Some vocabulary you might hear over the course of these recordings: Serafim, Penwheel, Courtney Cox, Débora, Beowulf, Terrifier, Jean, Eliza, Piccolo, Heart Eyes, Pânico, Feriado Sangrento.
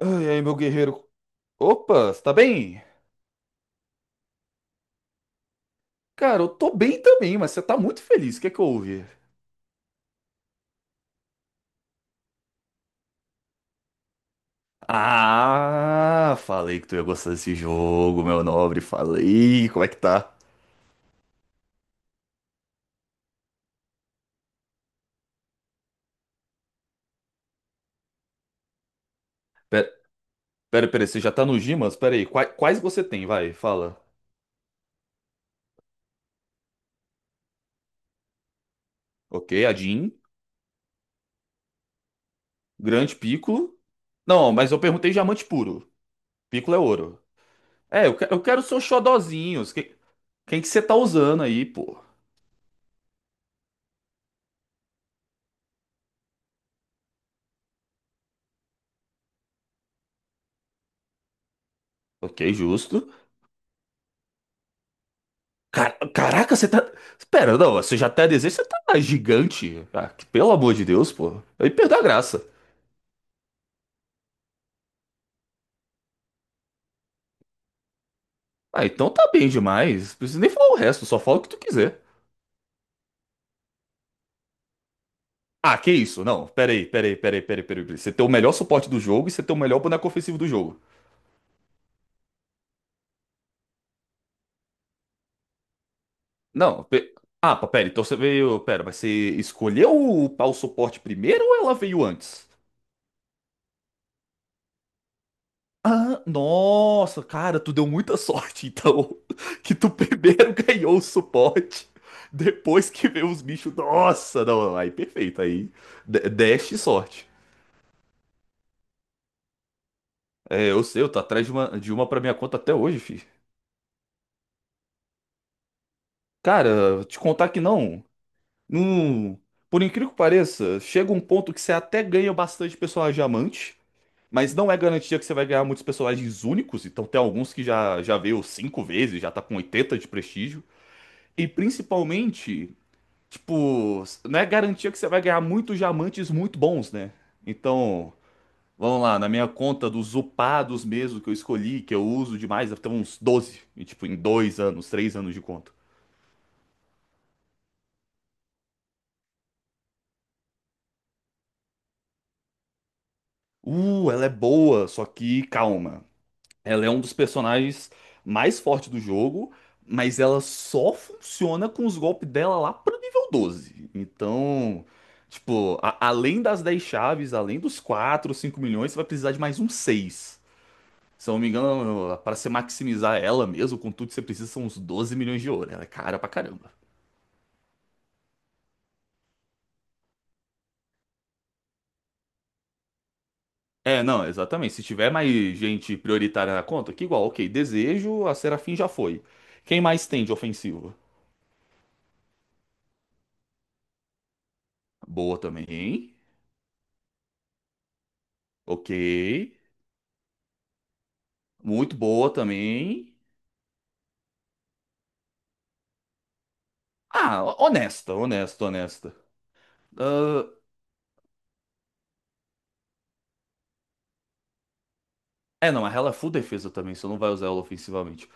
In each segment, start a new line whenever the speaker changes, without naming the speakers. Ai, ai, meu guerreiro. Opa, você tá bem? Cara, eu tô bem também, mas você tá muito feliz. O que é que houve? Ah, falei que tu ia gostar desse jogo, meu nobre. Falei. Como é que tá? Pera, pera, pera, você já tá no Gimas? Pera aí. Quais você tem? Vai, fala. Ok, a Jean, Grande Piccolo. Não, mas eu perguntei diamante puro. Piccolo é ouro. É, eu quero seus xodozinhos. Quem que você tá usando aí, pô? Ok, justo. Caraca, você tá. Pera, não, você já tá desenho, você tá gigante. Ah, pelo amor de Deus, pô. Aí perdeu a graça. Ah, então tá bem demais. Não precisa nem falar o resto, só fala o que tu quiser. Ah, que isso? Não, pera aí, pera aí, pera aí, pera aí, pera aí. Você tem o melhor suporte do jogo e você tem o melhor boneco ofensivo do jogo. Não. Ah, pá, pera, então você veio. Pera, mas você escolheu upar o suporte primeiro ou ela veio antes? Ah, nossa, cara, tu deu muita sorte, então. Que tu primeiro ganhou o suporte, depois que veio os bichos. Nossa, não, aí perfeito, aí. Deste sorte. É, eu sei, eu tô atrás de uma pra minha conta até hoje, fi. Cara, te contar que não. Não. Por incrível que pareça, chega um ponto que você até ganha bastante personagem diamante, mas não é garantia que você vai ganhar muitos personagens únicos, então tem alguns que já veio cinco vezes, já tá com 80 de prestígio. E principalmente. Tipo, não é garantia que você vai ganhar muitos diamantes muito bons, né? Então, vamos lá, na minha conta dos upados mesmo que eu escolhi, que eu uso demais, deve ter uns 12 e, tipo, em 2 anos, 3 anos de conta. Ela é boa, só que calma. Ela é um dos personagens mais fortes do jogo, mas ela só funciona com os golpes dela lá pro nível 12. Então, tipo, além das 10 chaves, além dos 4, 5 milhões, você vai precisar de mais uns seis. Se eu não me engano, para você maximizar ela mesmo, com tudo que você precisa, são uns 12 milhões de ouro. Ela é cara pra caramba. É, não, exatamente. Se tiver mais gente prioritária na conta, que igual, ok, desejo, a Serafim já foi. Quem mais tem de ofensivo? Boa também. Ok. Muito boa também. Ah, honesta, honesta, honesta. Ah, é, não, mas ela é full defesa também, você não vai usar ela ofensivamente.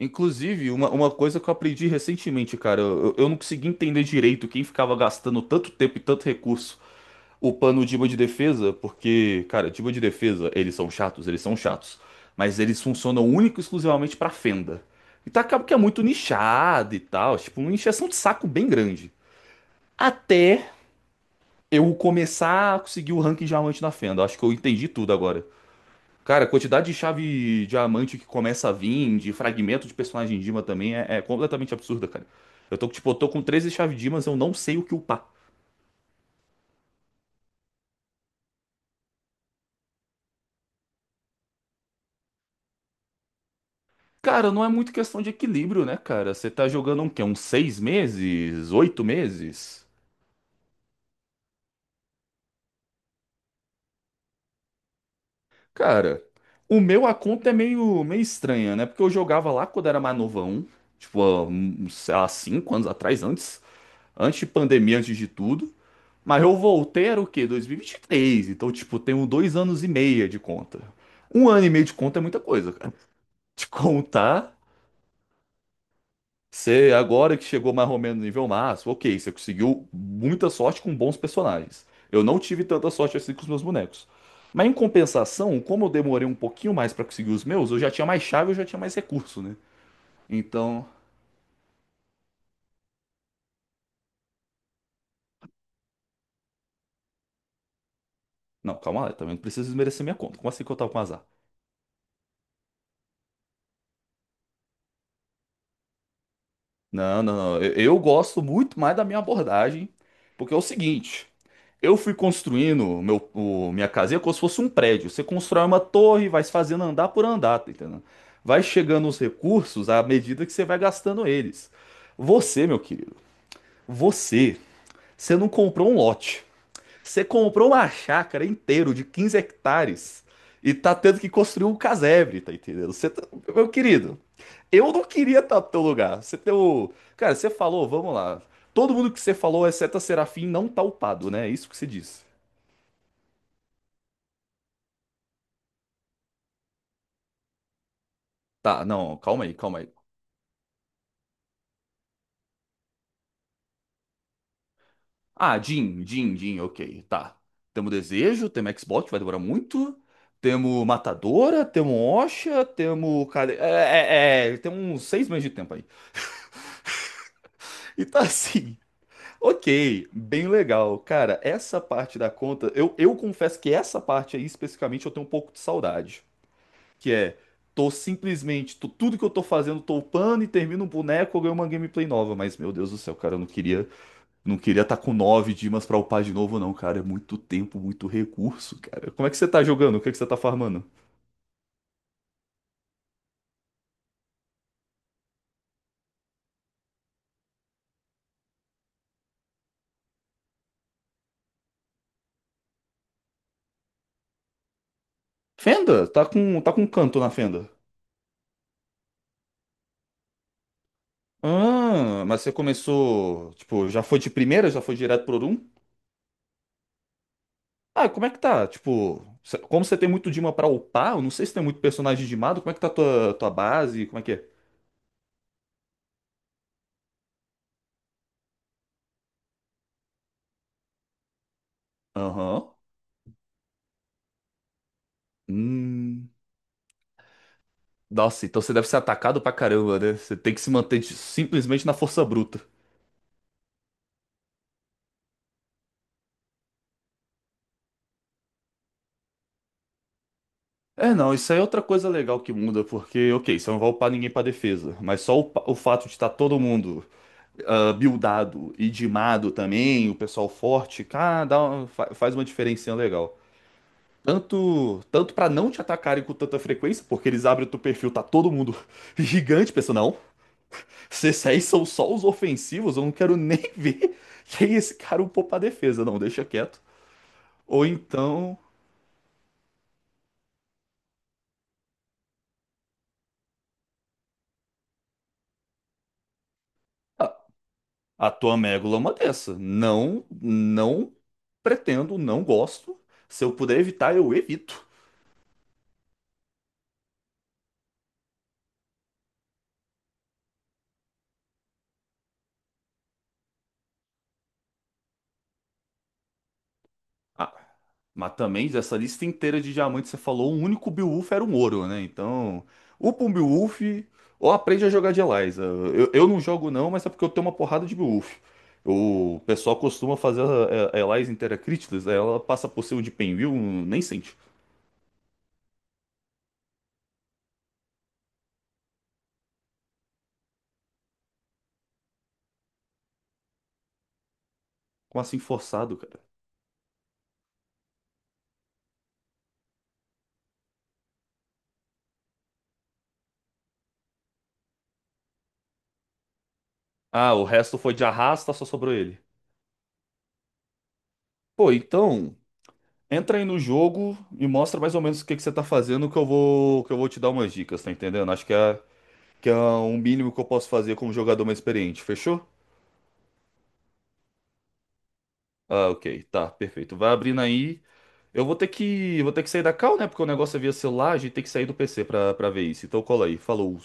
Inclusive, uma coisa que eu aprendi recentemente, cara, eu não consegui entender direito quem ficava gastando tanto tempo e tanto recurso upando o diba de defesa, porque, cara, diba de defesa, eles são chatos, mas eles funcionam único e exclusivamente pra fenda. Então acaba que é muito nichado e tal, tipo, uma encheção de saco bem grande. Até eu começar a conseguir o ranking diamante na fenda, acho que eu entendi tudo agora. Cara, a quantidade de chave diamante que começa a vir, de fragmento de personagem Dima também é completamente absurda, cara. Eu tô, tipo, eu tô com 13 chaves Dimas, eu não sei o que upar. Cara, não é muito questão de equilíbrio, né, cara? Você tá jogando um quê? Uns 6 meses? 8 meses? Cara, o meu a conta é meio estranha, né? Porque eu jogava lá quando era mais novão, tipo, há, uns, sei lá, 5 anos atrás, antes de pandemia, antes de tudo. Mas eu voltei era o quê? 2023. Então, tipo, tenho 2 anos e meio de conta. Um ano e meio de conta é muita coisa, cara. De contar, você agora que chegou mais ou menos no nível máximo, ok, você conseguiu muita sorte com bons personagens. Eu não tive tanta sorte assim com os meus bonecos. Mas em compensação, como eu demorei um pouquinho mais pra conseguir os meus, eu já tinha mais chave, eu já tinha mais recurso, né? Então. Não, calma lá, eu também não preciso desmerecer minha conta. Como assim que eu tava com azar? Não, não, não. Eu gosto muito mais da minha abordagem, porque é o seguinte: eu fui construindo minha casinha como se fosse um prédio. Você constrói uma torre, vai se fazendo andar por andar, tá entendendo? Vai chegando os recursos à medida que você vai gastando eles. Você, meu querido, você, você não comprou um lote. Você comprou uma chácara inteira de 15 hectares e tá tendo que construir um casebre, tá entendendo? Meu querido, eu não queria estar no teu lugar. Você tem o. Cara, você falou, vamos lá. Todo mundo que você falou, exceto a Serafim, não tá upado, né? É isso que você disse. Tá, não, calma aí, calma aí. Ah, Jin, Jin, Jin, ok, tá. Temos Desejo, temos Xbox, que vai demorar muito. Temos Matadora, temos Osha, temos. Tem uns 6 meses de tempo aí. E tá assim. Ok, bem legal. Cara, essa parte da conta, eu confesso que essa parte aí especificamente eu tenho um pouco de saudade. Que é, tô simplesmente, tudo que eu tô fazendo, tô upando e termino um boneco, eu ganho uma gameplay nova. Mas, meu Deus do céu, cara, eu não queria tá com 9 dimas pra upar de novo, não, cara. É muito tempo, muito recurso, cara. Como é que você tá jogando? O que é que você tá farmando? Fenda? Tá com canto na Fenda. Ah, mas você começou, tipo, já foi de primeira, já foi direto pro Ah, como é que tá? Tipo, como você tem muito Dima pra upar, eu não sei se tem muito personagem dimado, como é que tá tua base? Como é que é? Aham. Hum. Nossa, então você deve ser atacado pra caramba, né? Você tem que se manter simplesmente na força bruta. É, não, isso aí é outra coisa legal que muda, porque, ok, você não vai upar ninguém pra defesa, mas só o fato de estar todo mundo buildado e dimado também, o pessoal forte, cara, dá faz uma diferencinha legal. Tanto, tanto para não te atacarem com tanta frequência, porque eles abrem o teu perfil, tá todo mundo gigante, pensa, não, se esses aí são só os ofensivos, eu não quero nem ver quem é esse cara upou pra defesa, não, deixa quieto. Ou então, a, a tua amígdala é uma dessa. Não, não pretendo, não gosto. Se eu puder evitar, eu evito. Ah, mas também dessa lista inteira de diamantes, você falou, o único Beowulf era um ouro, né? Então, upa um Beowulf ou aprende a jogar de Eliza. Eu não jogo não, mas é porque eu tenho uma porrada de Beowulf. O pessoal costuma fazer a Eliza inteira críticas, aí ela passa por cima de Penwheel, nem sente. Como assim forçado, cara? Ah, o resto foi de arrasta, só sobrou ele. Pô, então, entra aí no jogo e mostra mais ou menos o que que você tá fazendo que que eu vou te dar umas dicas, tá entendendo? Acho que é um mínimo que eu posso fazer como jogador mais experiente, fechou? Ah, ok, tá, perfeito. Vai abrindo aí. Eu vou ter que sair da call, né? Porque o negócio é via celular, a gente tem que sair do PC pra ver isso. Então cola aí, falou.